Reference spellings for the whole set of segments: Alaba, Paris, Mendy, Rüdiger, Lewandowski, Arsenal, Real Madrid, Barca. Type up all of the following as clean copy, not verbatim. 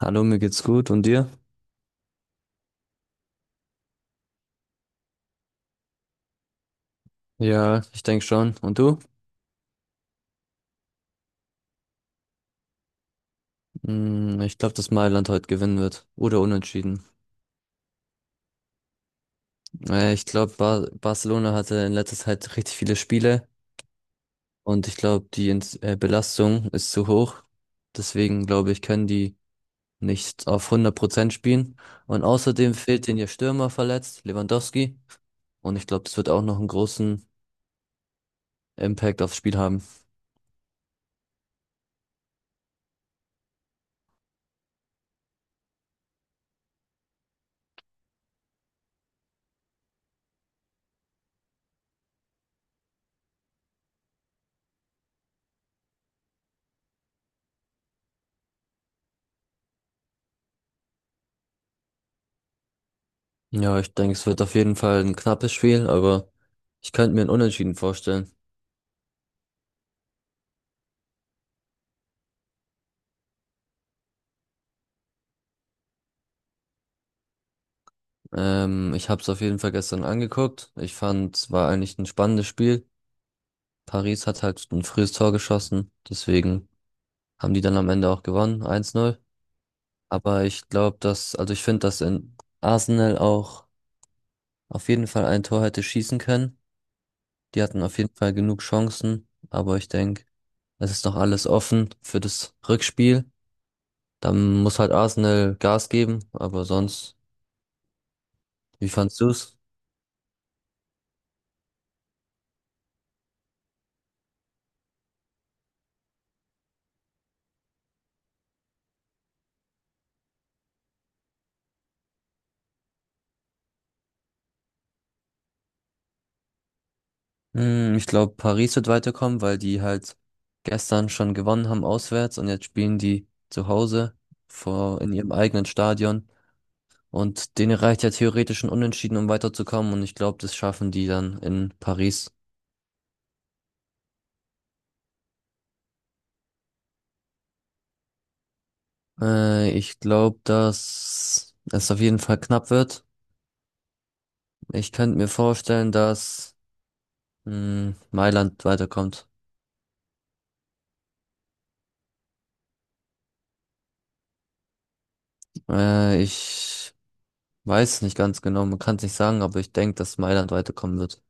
Hallo, mir geht's gut und dir? Ja, ich denke schon. Und du? Ich glaube, dass Mailand heute gewinnen wird. Oder unentschieden. Ich glaube, Barcelona hatte in letzter Zeit richtig viele Spiele und ich glaube, die Belastung ist zu hoch. Deswegen glaube ich, können die nicht auf 100% spielen. Und außerdem fehlt denen ihr Stürmer verletzt, Lewandowski. Und ich glaube, das wird auch noch einen großen Impact aufs Spiel haben. Ja, ich denke, es wird auf jeden Fall ein knappes Spiel, aber ich könnte mir ein Unentschieden vorstellen. Ich habe es auf jeden Fall gestern angeguckt. Ich fand, es war eigentlich ein spannendes Spiel. Paris hat halt ein frühes Tor geschossen, deswegen haben die dann am Ende auch gewonnen, 1-0. Aber ich glaube, dass, also ich finde, dass in Arsenal auch auf jeden Fall ein Tor hätte schießen können. Die hatten auf jeden Fall genug Chancen, aber ich denke, es ist noch alles offen für das Rückspiel. Dann muss halt Arsenal Gas geben, aber sonst, wie fandst du's? Ich glaube, Paris wird weiterkommen, weil die halt gestern schon gewonnen haben auswärts und jetzt spielen die zu Hause vor in ihrem eigenen Stadion. Und denen reicht ja theoretisch ein Unentschieden, um weiterzukommen. Und ich glaube, das schaffen die dann in Paris. Ich glaube, dass es auf jeden Fall knapp wird. Ich könnte mir vorstellen, dass Mailand weiterkommt. Ich weiß nicht ganz genau, man kann es nicht sagen, aber ich denke, dass Mailand weiterkommen wird.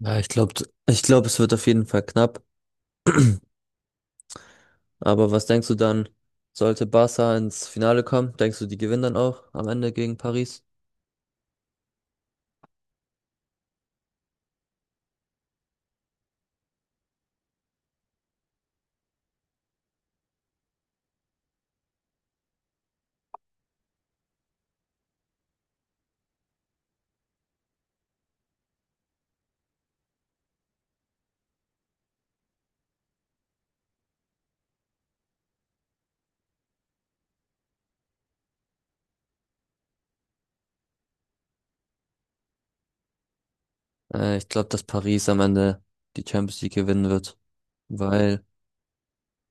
Ja, ich glaube, es wird auf jeden Fall knapp. Aber was denkst du dann, sollte Barca ins Finale kommen? Denkst du, die gewinnen dann auch am Ende gegen Paris? Ich glaube, dass Paris am Ende die Champions League gewinnen wird, weil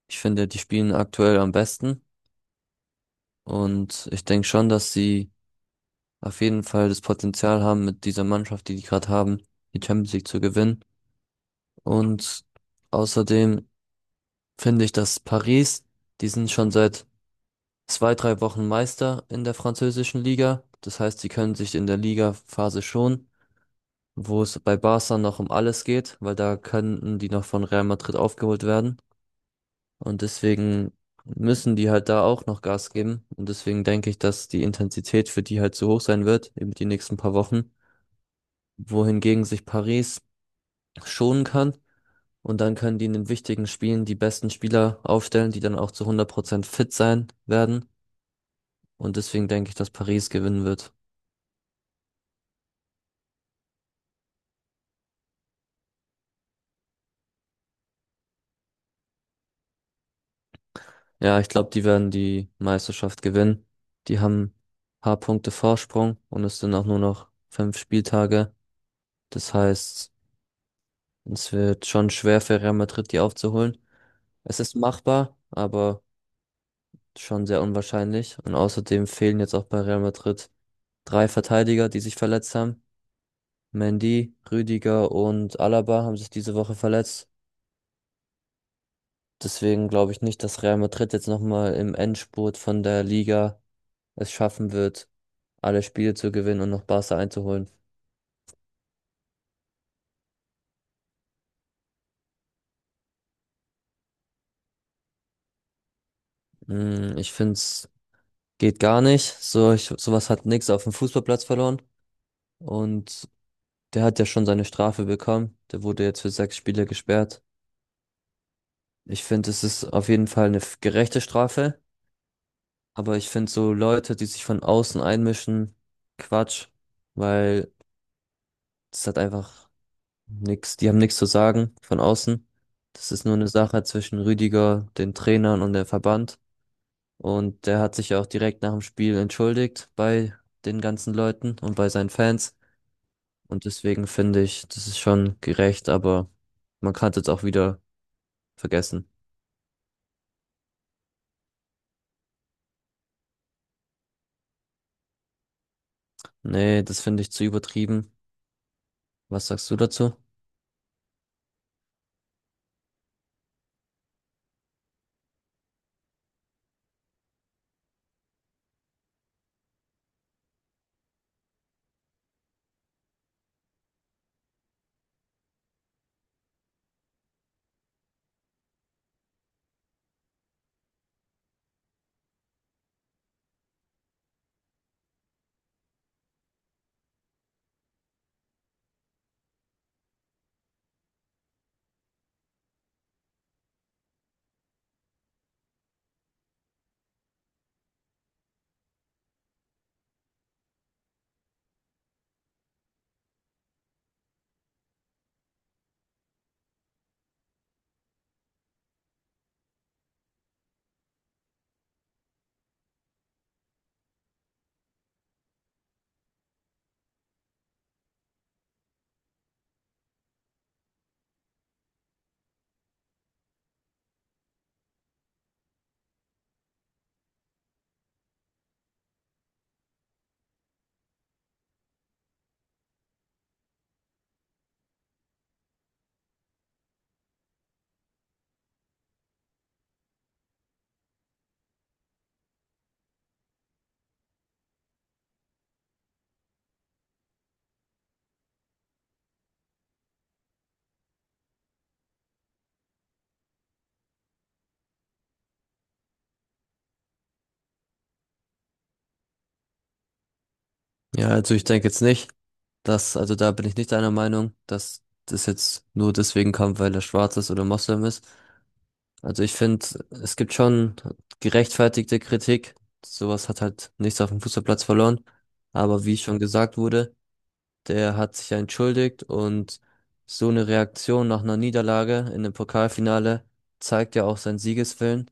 ich finde, die spielen aktuell am besten. Und ich denke schon, dass sie auf jeden Fall das Potenzial haben, mit dieser Mannschaft, die die gerade haben, die Champions League zu gewinnen. Und außerdem finde ich, dass Paris, die sind schon seit 2, 3 Wochen Meister in der französischen Liga. Das heißt, sie können sich in der Ligaphase schon, wo es bei Barca noch um alles geht, weil da könnten die noch von Real Madrid aufgeholt werden. Und deswegen müssen die halt da auch noch Gas geben. Und deswegen denke ich, dass die Intensität für die halt zu hoch sein wird, eben die nächsten paar Wochen, wohingegen sich Paris schonen kann. Und dann können die in den wichtigen Spielen die besten Spieler aufstellen, die dann auch zu 100% fit sein werden. Und deswegen denke ich, dass Paris gewinnen wird. Ja, ich glaube, die werden die Meisterschaft gewinnen. Die haben paar Punkte Vorsprung und es sind auch nur noch fünf Spieltage. Das heißt, es wird schon schwer für Real Madrid, die aufzuholen. Es ist machbar, aber schon sehr unwahrscheinlich. Und außerdem fehlen jetzt auch bei Real Madrid drei Verteidiger, die sich verletzt haben. Mendy, Rüdiger und Alaba haben sich diese Woche verletzt. Deswegen glaube ich nicht, dass Real Madrid jetzt nochmal im Endspurt von der Liga es schaffen wird, alle Spiele zu gewinnen und noch Barca einzuholen. Ich finde, es geht gar nicht. So, ich, sowas hat nix auf dem Fußballplatz verloren. Und der hat ja schon seine Strafe bekommen. Der wurde jetzt für sechs Spiele gesperrt. Ich finde, es ist auf jeden Fall eine gerechte Strafe. Aber ich finde so Leute, die sich von außen einmischen, Quatsch, weil das hat einfach nix. Die haben nichts zu sagen von außen. Das ist nur eine Sache zwischen Rüdiger, den Trainern und dem Verband. Und der hat sich ja auch direkt nach dem Spiel entschuldigt bei den ganzen Leuten und bei seinen Fans. Und deswegen finde ich, das ist schon gerecht, aber man kann es jetzt auch wieder vergessen. Nee, das finde ich zu übertrieben. Was sagst du dazu? Ja, also ich denke jetzt nicht, dass, also da bin ich nicht einer Meinung, dass das jetzt nur deswegen kommt, weil er schwarz ist oder Moslem ist. Also ich finde, es gibt schon gerechtfertigte Kritik. Sowas hat halt nichts auf dem Fußballplatz verloren. Aber wie schon gesagt wurde, der hat sich ja entschuldigt und so eine Reaktion nach einer Niederlage in dem Pokalfinale zeigt ja auch seinen Siegeswillen.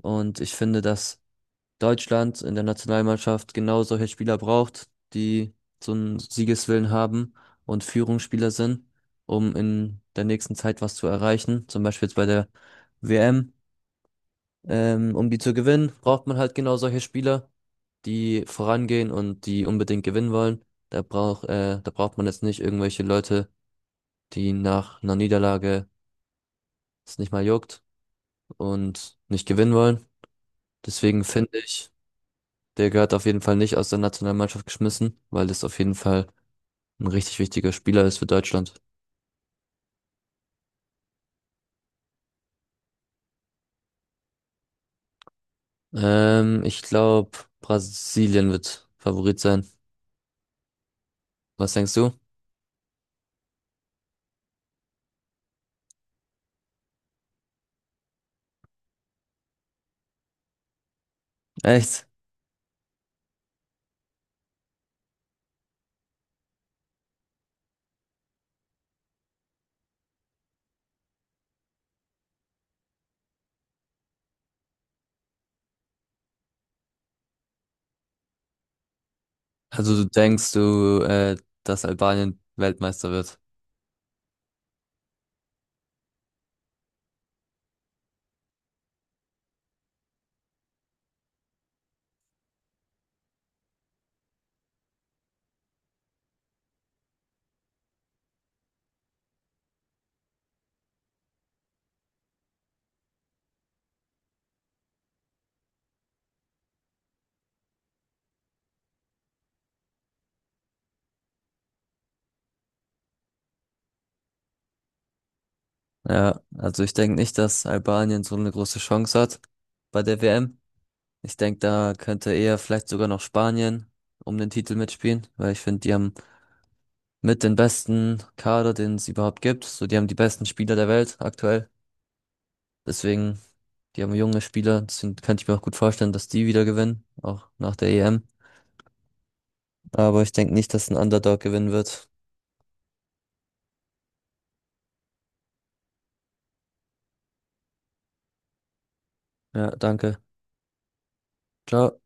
Und ich finde, dass Deutschland in der Nationalmannschaft genau solche Spieler braucht, die so einen Siegeswillen haben und Führungsspieler sind, um in der nächsten Zeit was zu erreichen. Zum Beispiel jetzt bei der WM. Um die zu gewinnen, braucht man halt genau solche Spieler, die vorangehen und die unbedingt gewinnen wollen. Da braucht man jetzt nicht irgendwelche Leute, die nach einer Niederlage es nicht mal juckt und nicht gewinnen wollen. Deswegen finde ich, der gehört auf jeden Fall nicht aus der Nationalmannschaft geschmissen, weil das auf jeden Fall ein richtig wichtiger Spieler ist für Deutschland. Ich glaube, Brasilien wird Favorit sein. Was denkst du? Echt? Also du denkst du, dass Albanien Weltmeister wird? Ja, also ich denke nicht, dass Albanien so eine große Chance hat bei der WM. Ich denke, da könnte eher vielleicht sogar noch Spanien um den Titel mitspielen, weil ich finde, die haben mit den besten Kader, den es überhaupt gibt. So, die haben die besten Spieler der Welt aktuell. Deswegen, die haben junge Spieler, deswegen könnte ich mir auch gut vorstellen, dass die wieder gewinnen, auch nach der EM. Aber ich denke nicht, dass ein Underdog gewinnen wird. Ja, danke. Ciao.